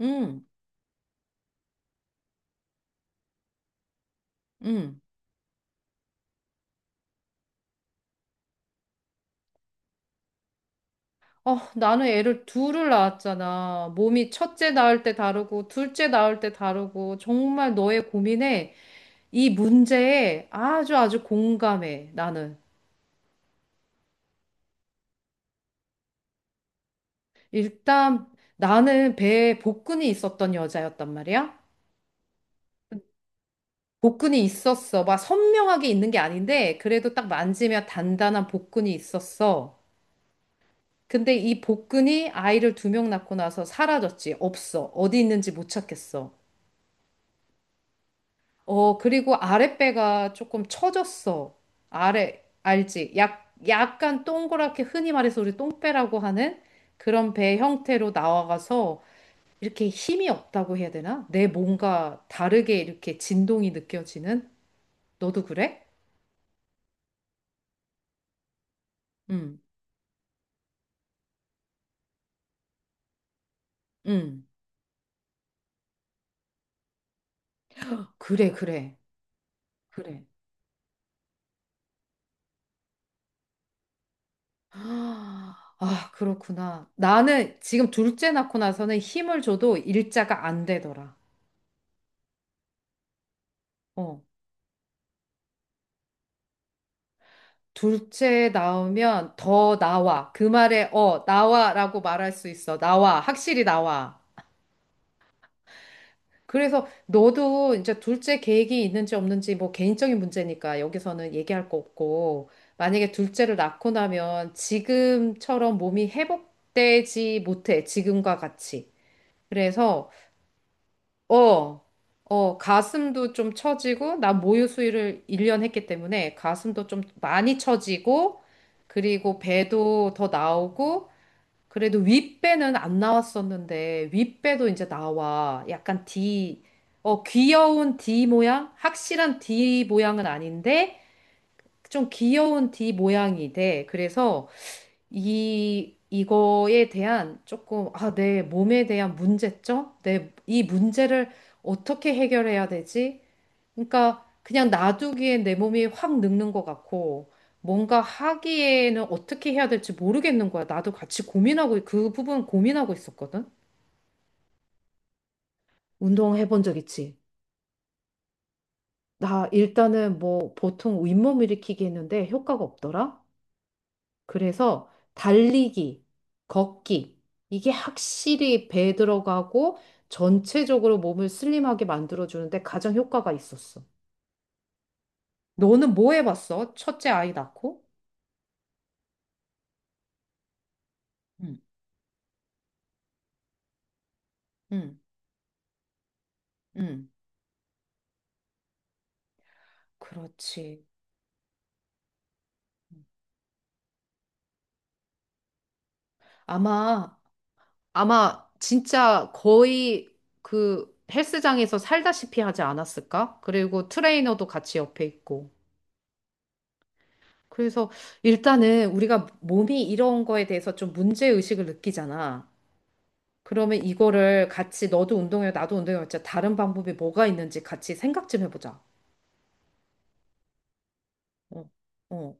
응, 응. 어, 나는 애를 둘을 낳았잖아. 몸이 첫째 낳을 때 다르고, 둘째 낳을 때 다르고, 정말 너의 고민에, 이 문제에 아주 아주 공감해, 나는. 일단, 나는 배에 복근이 있었던 여자였단 말이야. 복근이 있었어. 막 선명하게 있는 게 아닌데, 그래도 딱 만지면 단단한 복근이 있었어. 근데 이 복근이 아이를 2명 낳고 나서 사라졌지. 없어. 어디 있는지 못 찾겠어. 어, 그리고 아랫배가 조금 처졌어. 아래, 알지? 약간 동그랗게 흔히 말해서 우리 똥배라고 하는 그런 배 형태로 나와가서 이렇게 힘이 없다고 해야 되나? 내 뭔가 다르게 이렇게 진동이 느껴지는? 너도 그래? 응, 응. 그래, 그래, 그래. 아, 아, 그렇구나. 나는 지금 둘째 낳고 나서는 힘을 줘도 일자가 안 되더라. 어. 둘째 나오면 더 나와. 그 말에 어, 나와라고 말할 수 있어. 나와. 확실히 나와. 그래서 너도 이제 둘째 계획이 있는지 없는지 뭐 개인적인 문제니까 여기서는 얘기할 거 없고 만약에 둘째를 낳고 나면 지금처럼 몸이 회복되지 못해. 지금과 같이. 그래서 어, 어, 가슴도 좀 처지고, 나 모유 수유를 1년 했기 때문에 가슴도 좀 많이 처지고, 그리고 배도 더 나오고, 그래도 윗배는 안 나왔었는데, 윗배도 이제 나와. 약간 D, 어, 귀여운 D 모양? 확실한 D 모양은 아닌데, 좀 귀여운 D 모양이 돼. 그래서, 이거에 대한 조금, 아, 내 몸에 대한 문제점? 이 문제를 어떻게 해결해야 되지? 그러니까 그냥 놔두기에 내 몸이 확 늙는 것 같고, 뭔가 하기에는 어떻게 해야 될지 모르겠는 거야. 나도 같이 고민하고, 그 부분 고민하고 있었거든? 운동 해본 적 있지? 나 일단은 뭐 보통 윗몸 일으키기 했는데 효과가 없더라? 그래서 달리기, 걷기, 이게 확실히 배에 들어가고 전체적으로 몸을 슬림하게 만들어주는데 가장 효과가 있었어. 너는 뭐 해봤어? 첫째 아이 낳고? 응, 응, 응, 그렇지. 음. 아마, 아마 진짜 거의 그 헬스장에서 살다시피 하지 않았을까? 그리고 트레이너도 같이 옆에 있고. 그래서 일단은 우리가 몸이 이런 거에 대해서 좀 문제의식을 느끼잖아. 그러면 이거를 같이 너도 운동해, 나도 운동해. 진짜 다른 방법이 뭐가 있는지 같이 생각 좀 해보자. 어, 어,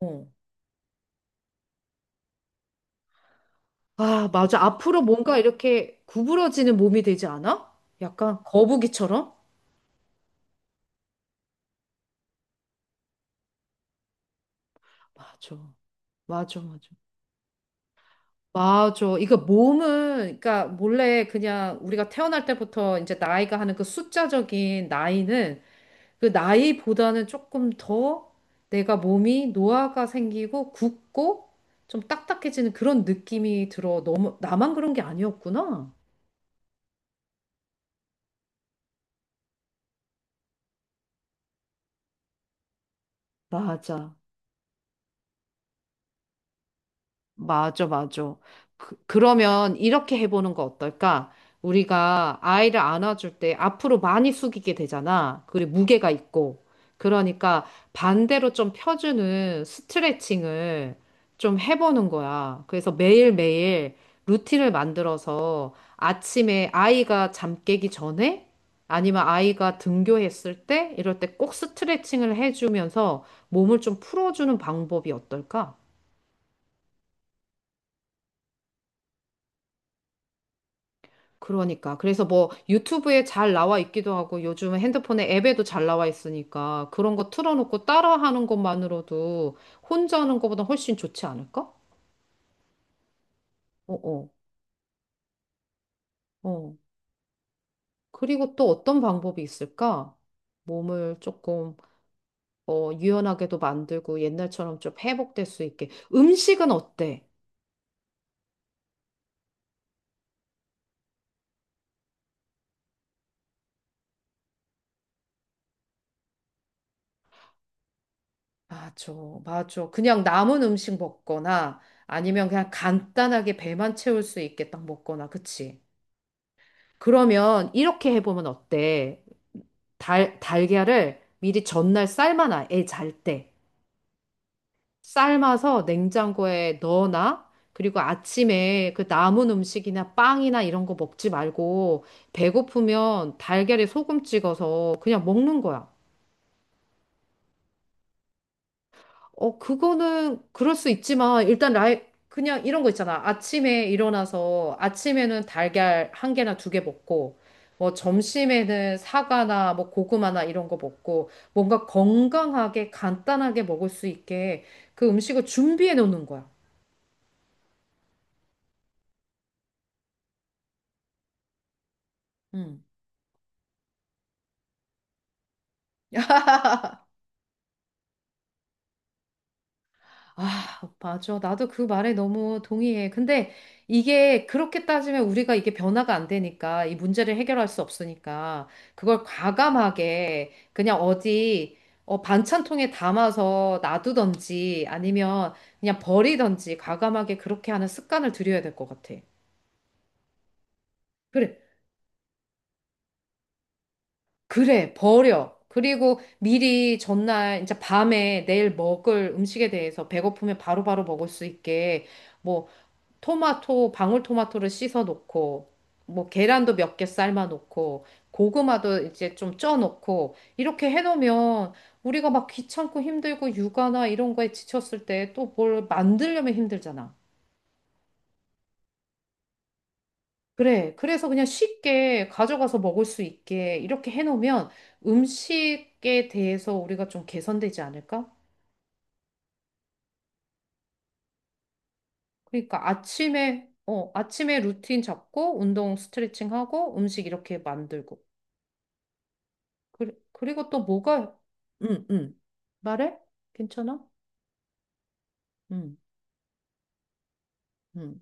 어. 아, 맞아. 앞으로 뭔가 이렇게 구부러지는 몸이 되지 않아? 약간 거북이처럼? 맞아. 맞아, 맞아. 맞아. 이거 몸은, 그러니까 몰래 그냥 우리가 태어날 때부터 이제 나이가 하는 그 숫자적인 나이는 그 나이보다는 조금 더 내가 몸이 노화가 생기고 굳고 좀 딱딱해지는 그런 느낌이 들어. 너무, 나만 그런 게 아니었구나. 맞아. 맞아, 맞아. 그러면 이렇게 해보는 거 어떨까? 우리가 아이를 안아줄 때 앞으로 많이 숙이게 되잖아. 그리고 무게가 있고. 그러니까 반대로 좀 펴주는 스트레칭을 좀 해보는 거야. 그래서 매일매일 루틴을 만들어서 아침에 아이가 잠 깨기 전에 아니면 아이가 등교했을 때 이럴 때 꼭 스트레칭을 해주면서 몸을 좀 풀어주는 방법이 어떨까? 그러니까. 그래서 뭐 유튜브에 잘 나와 있기도 하고 요즘은 핸드폰에 앱에도 잘 나와 있으니까 그런 거 틀어놓고 따라하는 것만으로도 혼자 하는 것보다 훨씬 좋지 않을까? 어, 어, 어. 그리고 또 어떤 방법이 있을까? 몸을 조금 어, 유연하게도 만들고 옛날처럼 좀 회복될 수 있게. 음식은 어때? 맞아, 맞아. 그냥 남은 음식 먹거나 아니면 그냥 간단하게 배만 채울 수 있게 딱 먹거나, 그치? 그러면 이렇게 해보면 어때? 달걀을 미리 전날 삶아놔, 애 잘 때. 삶아서 냉장고에 넣어놔. 그리고 아침에 그 남은 음식이나 빵이나 이런 거 먹지 말고, 배고프면 달걀에 소금 찍어서 그냥 먹는 거야. 어, 그거는 그럴 수 있지만, 일단 그냥 이런 거 있잖아. 아침에 일어나서 아침에는 달걀 한 개나 2개 먹고, 뭐 점심에는 사과나 뭐 고구마나 이런 거 먹고, 뭔가 건강하게 간단하게 먹을 수 있게 그 음식을 준비해 놓는 거야. 음. 아, 맞아. 나도 그 말에 너무 동의해. 근데 이게 그렇게 따지면 우리가 이게 변화가 안 되니까 이 문제를 해결할 수 없으니까 그걸 과감하게 그냥 어디 어, 반찬통에 담아서 놔두던지 아니면 그냥 버리던지 과감하게 그렇게 하는 습관을 들여야 될 것 같아. 그래, 그래, 버려. 그리고 미리 전날 이제 밤에 내일 먹을 음식에 대해서 배고프면 바로바로 먹을 수 있게 뭐 토마토, 방울토마토를 씻어 놓고, 뭐 계란도 몇 개 삶아 놓고, 고구마도 이제 좀 쪄 놓고, 이렇게 해 놓으면 우리가 막 귀찮고 힘들고 육아나 이런 거에 지쳤을 때 또 뭘 만들려면 힘들잖아. 그래. 그래서 그냥 쉽게 가져가서 먹을 수 있게 이렇게 해 놓으면 음식에 대해서 우리가 좀 개선되지 않을까? 그러니까 아침에, 어, 아침에 루틴 잡고, 운동 스트레칭 하고, 음식 이렇게 만들고. 그리고 또 뭐가 응, 응, 말해? 괜찮아? 응, 응.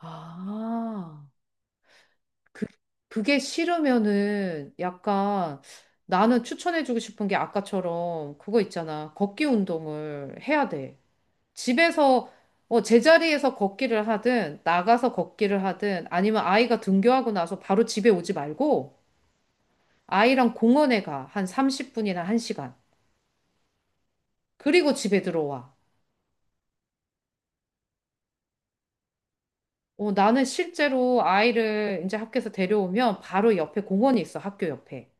아, 그, 그게 싫으면은 약간 나는 추천해주고 싶은 게 아까처럼 그거 있잖아. 걷기 운동을 해야 돼. 집에서 어, 제자리에서 걷기를 하든 나가서 걷기를 하든 아니면 아이가 등교하고 나서 바로 집에 오지 말고 아이랑 공원에 가. 한 30분이나 1시간. 그리고 집에 들어와. 어, 나는 실제로 아이를 이제 학교에서 데려오면 바로 옆에 공원이 있어, 학교 옆에.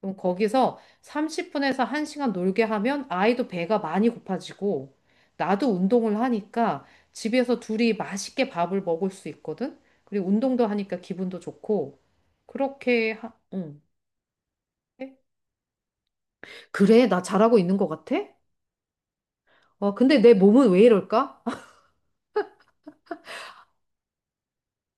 그럼 거기서 30분에서 1시간 놀게 하면 아이도 배가 많이 고파지고 나도 운동을 하니까 집에서 둘이 맛있게 밥을 먹을 수 있거든? 그리고 운동도 하니까 기분도 좋고 그렇게 하, 응. 그래, 나 잘하고 있는 것 같아? 어 근데 내 몸은 왜 이럴까?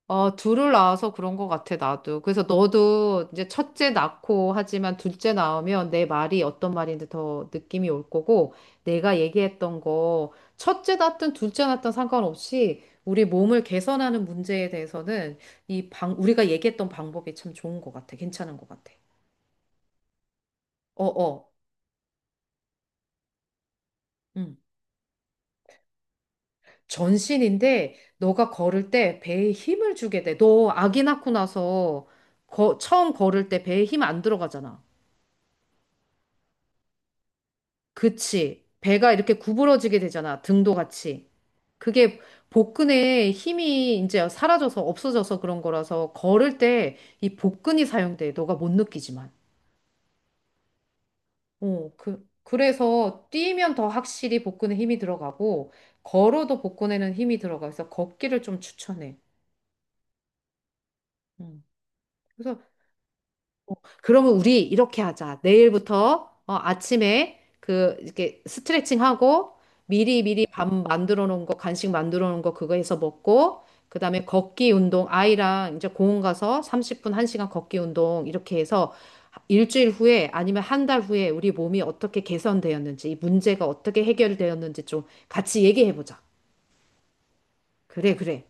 어, 둘을 낳아서 그런 것 같아, 나도. 그래서 너도 이제 첫째 낳고 하지만 둘째 낳으면 내 말이 어떤 말인지 더 느낌이 올 거고, 내가 얘기했던 거, 첫째 낳든 둘째 낳든 상관없이 우리 몸을 개선하는 문제에 대해서는 이 방, 우리가 얘기했던 방법이 참 좋은 것 같아. 괜찮은 것 같아. 어, 어. 음. 전신인데 너가 걸을 때 배에 힘을 주게 돼. 너 아기 낳고 나서 처음 걸을 때 배에 힘 안 들어가잖아. 그치. 배가 이렇게 구부러지게 되잖아. 등도 같이. 그게 복근에 힘이 이제 사라져서 없어져서 그런 거라서 걸을 때 이 복근이 사용돼. 너가 못 느끼지만. 어, 그래서 뛰면 더 확실히 복근에 힘이 들어가고 걸어도 복근에는 힘이 들어가서 걷기를 좀 추천해. 음. 그래서 그러면 우리 이렇게 하자. 내일부터 어, 아침에 그 이렇게 스트레칭하고 미리 미리 밥 만들어 놓은 거 간식 만들어 놓은 거 그거 해서 먹고 그다음에 걷기 운동 아이랑 이제 공원 가서 30분 1시간 걷기 운동 이렇게 해서 일주일 후에 아니면 한 달 후에 우리 몸이 어떻게 개선되었는지 이 문제가 어떻게 해결되었는지 좀 같이 얘기해 보자. 그래 그래.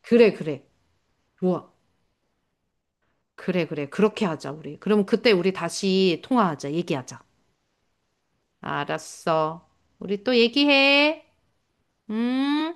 그래 그래. 좋아. 그래 그래. 그렇게 하자 우리. 그러면 그때 우리 다시 통화하자. 얘기하자. 알았어. 우리 또 얘기해. 음.